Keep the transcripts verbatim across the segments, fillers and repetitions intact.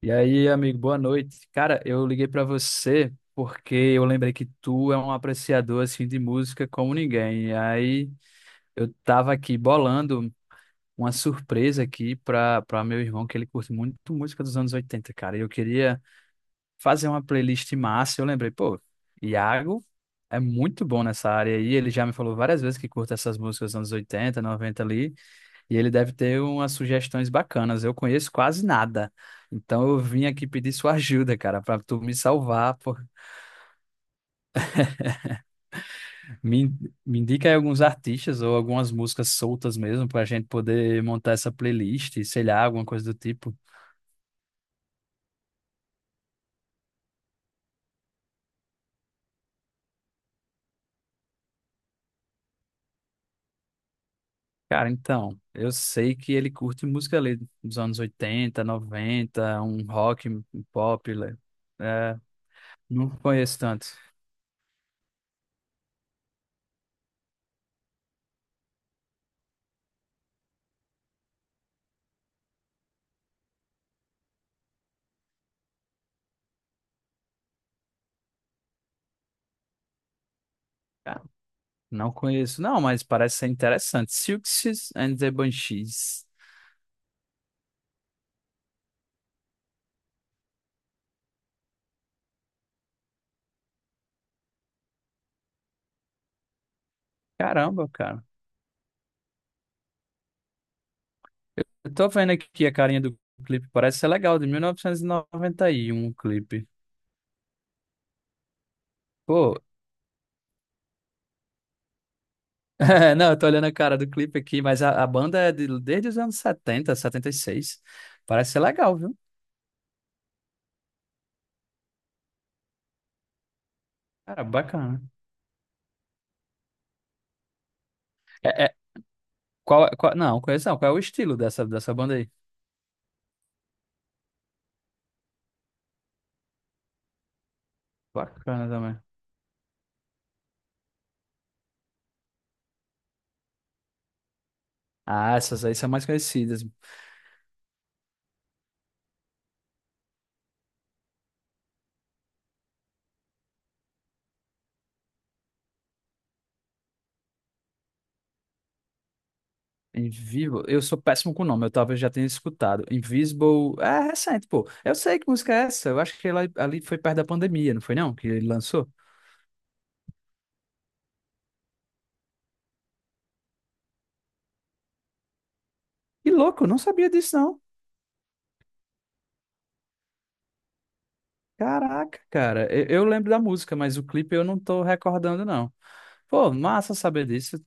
E aí, amigo, boa noite. Cara, eu liguei pra você porque eu lembrei que tu é um apreciador assim de música como ninguém. E aí, eu tava aqui bolando uma surpresa aqui pra para meu irmão que ele curte muito música dos anos oitenta, cara. E eu queria fazer uma playlist massa. Eu lembrei, pô, Iago é muito bom nessa área aí. Ele já me falou várias vezes que curta essas músicas dos anos oitenta, noventa ali. E ele deve ter umas sugestões bacanas. Eu conheço quase nada. Então eu vim aqui pedir sua ajuda, cara, para tu me salvar. Por... Me, me indica aí alguns artistas ou algumas músicas soltas mesmo, para a gente poder montar essa playlist, sei lá, alguma coisa do tipo. Cara, então, eu sei que ele curte música ali dos anos oitenta noventa, um rock, um pop, né? É, não conheço tanto. Cara, não conheço, não, mas parece ser interessante. Silks and the Banshees. Caramba, cara. Eu tô vendo aqui a carinha do clipe, parece ser legal, de mil novecentos e noventa e um o clipe. Pô, é, não, eu tô olhando a cara do clipe aqui, mas a, a banda é de- desde os anos setenta, setenta e seis. Parece ser legal, viu? Cara, bacana. É, é- qual, qual- não, conheço não. Qual é o estilo dessa, dessa banda aí? Bacana também. Ah, essas aí são mais conhecidas. Invisible, eu sou péssimo com o nome, eu talvez já tenha escutado. Invisible, é recente, pô. Eu sei que música é essa, eu acho que ela, ali foi perto da pandemia, não foi não? Que ele lançou. Que louco, eu não sabia disso não. Caraca, cara, eu, eu lembro da música, mas o clipe eu não tô recordando não. Pô, massa saber disso.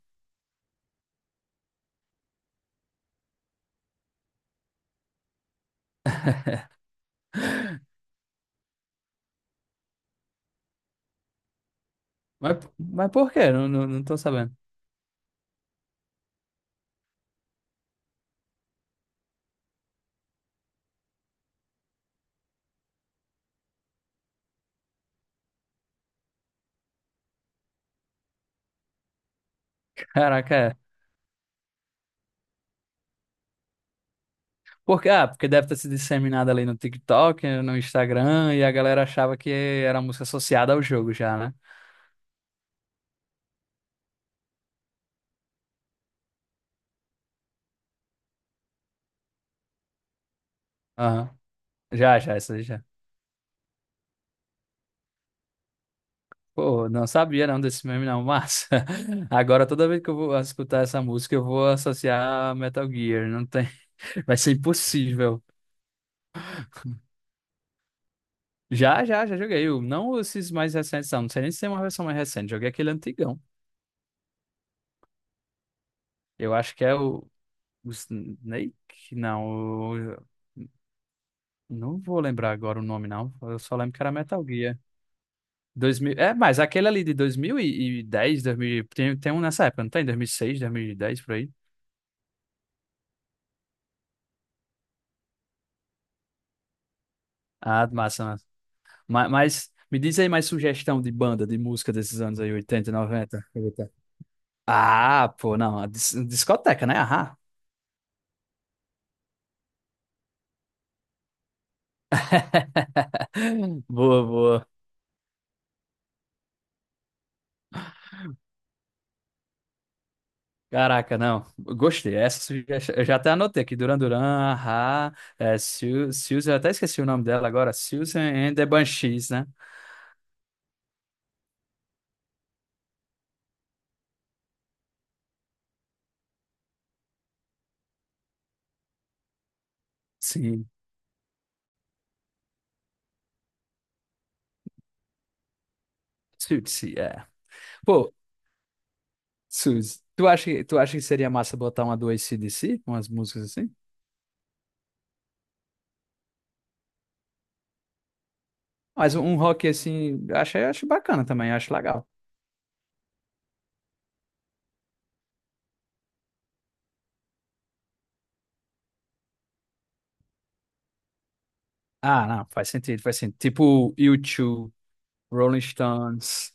Mas, mas por quê? Não, não, não tô sabendo. Caraca, é. Porque, ah, porque deve ter se disseminado ali no TikTok, no Instagram, e a galera achava que era música associada ao jogo já, né? Aham. Já, já, isso aí já. Pô, não sabia não desse meme não, mas agora toda vez que eu vou escutar essa música eu vou associar a Metal Gear, não tem, vai ser impossível. Já, já, já joguei, o- não esses mais recentes não, não sei nem se tem uma versão mais recente, joguei aquele antigão. Eu acho que é o, o Snake, não, o- não vou lembrar agora o nome não, eu só lembro que era Metal Gear. Dois mil é, mas aquele ali de dois mil e dez, dois mil tem, tem um nessa época, não tem? dois mil e seis, dez por aí. Ah, massa, massa. Mas, mas me diz aí mais sugestão de banda, de música desses anos aí, oitenta, noventa, oitenta. Ah, pô, não, a dis- discoteca, né? Aham. Boa, boa. Caraca, não. Gostei essa sugestão. Eu já até anotei aqui. Duran Duran, Ahá, é, Su- Susan, eu até esqueci o nome dela agora. Susan and the Banshees, né? Sim. Suzy, é. Pô, Suzy, tu acha, que- tu acha que seria massa botar uma do A C/D C? Umas músicas assim? Mas um um rock assim, acho, acho bacana também, acho legal. Ah, não, faz sentido, faz sentido. Tipo U dois, Rolling Stones.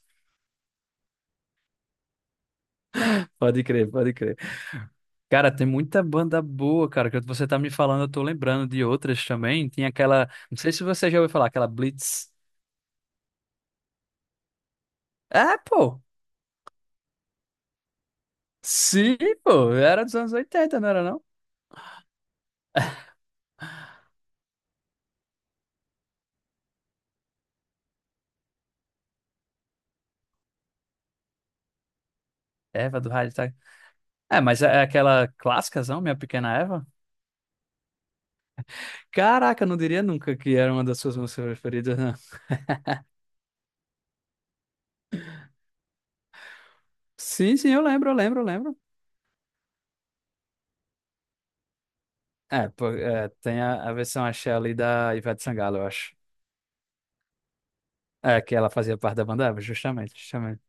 Pode crer, pode crer. Cara, tem muita banda boa, cara, que você tá me falando, eu tô lembrando de outras também. Tem aquela, não sei se você já ouviu falar, aquela Blitz. É, pô. Sim, pô. Era dos anos oitenta, não era não? Eva do rádio, tá? É, mas é é aquela clássicazão, Minha Pequena Eva. Caraca, eu não diria nunca que era uma das suas músicas preferidas, né? Sim, sim, eu lembro, eu lembro, eu lembro. É, pô, é, tem a, a versão axé ali da Ivete Sangalo, eu acho. É, que ela fazia parte da banda, Eva, justamente, justamente.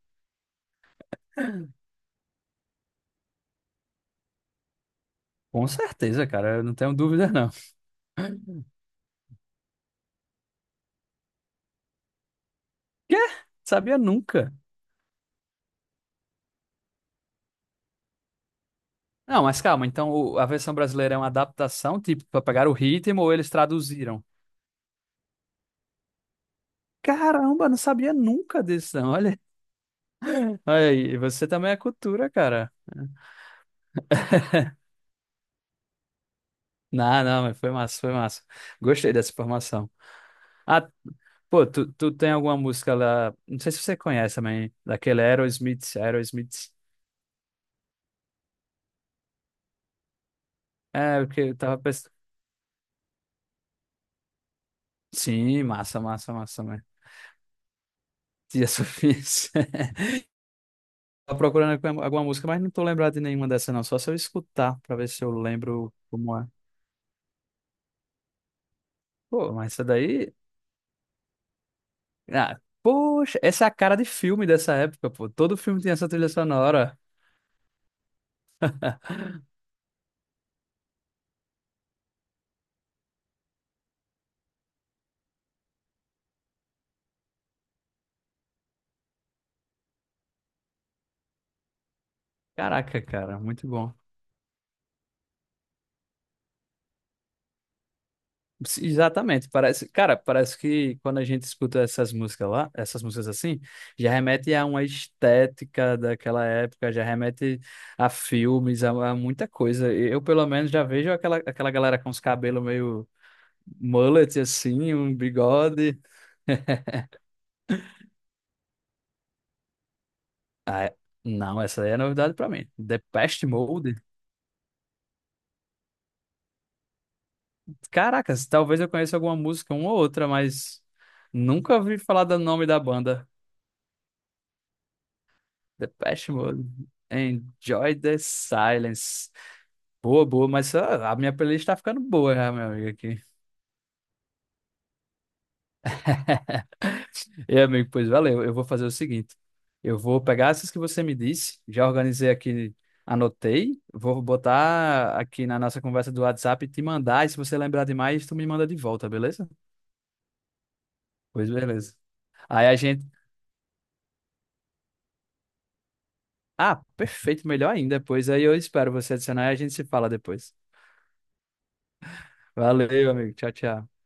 Com certeza, cara, eu não tenho dúvida, não. Quê? Sabia nunca. Não, mas calma, então o- a versão brasileira é uma adaptação, tipo, pra pegar o ritmo ou eles traduziram? Caramba, não sabia nunca disso, não. Olha, olha aí, você também é cultura, cara. Não, não, mas foi massa, foi massa. Gostei dessa formação. Ah, pô, tu, tu tem alguma música lá, não sei se você conhece também, daquele Aerosmith, Aerosmith. É, porque eu tava pensando. Sim, massa, massa, massa, né? Tia Sofia. Tava procurando aqui alguma música, mas não tô lembrado de nenhuma dessa, não. Só se eu escutar pra ver se eu lembro como é. Pô, mas essa daí. Ah, poxa, essa é a cara de filme dessa época, pô. Todo filme tinha essa trilha sonora. Caraca, cara, muito bom. Sim, exatamente, parece, cara, parece que quando a gente escuta essas músicas lá, essas músicas assim, já remete a uma estética daquela época, já remete a filmes, a, a muita coisa. Eu, pelo menos, já vejo aquela, aquela galera com os cabelos meio mullet assim, um bigode. Ah, é- não, essa aí é novidade pra mim. Depeche Mode. Caracas, talvez eu conheça alguma música, uma ou outra, mas nunca ouvi falar do nome da banda. Depeche Mode. Enjoy the Silence. Boa, boa, mas ah, a minha playlist tá ficando boa, já, meu amigo, aqui. E, amigo, pois valeu. Eu vou fazer o seguinte. Eu vou pegar essas que você me disse, já organizei aqui, anotei, vou botar aqui na nossa conversa do WhatsApp e te mandar, e se você lembrar demais, tu me manda de volta, beleza? Pois beleza. Aí a gente... Ah, perfeito, melhor ainda. Pois aí eu espero você adicionar e a gente se fala depois. Valeu, amigo. Tchau, tchau.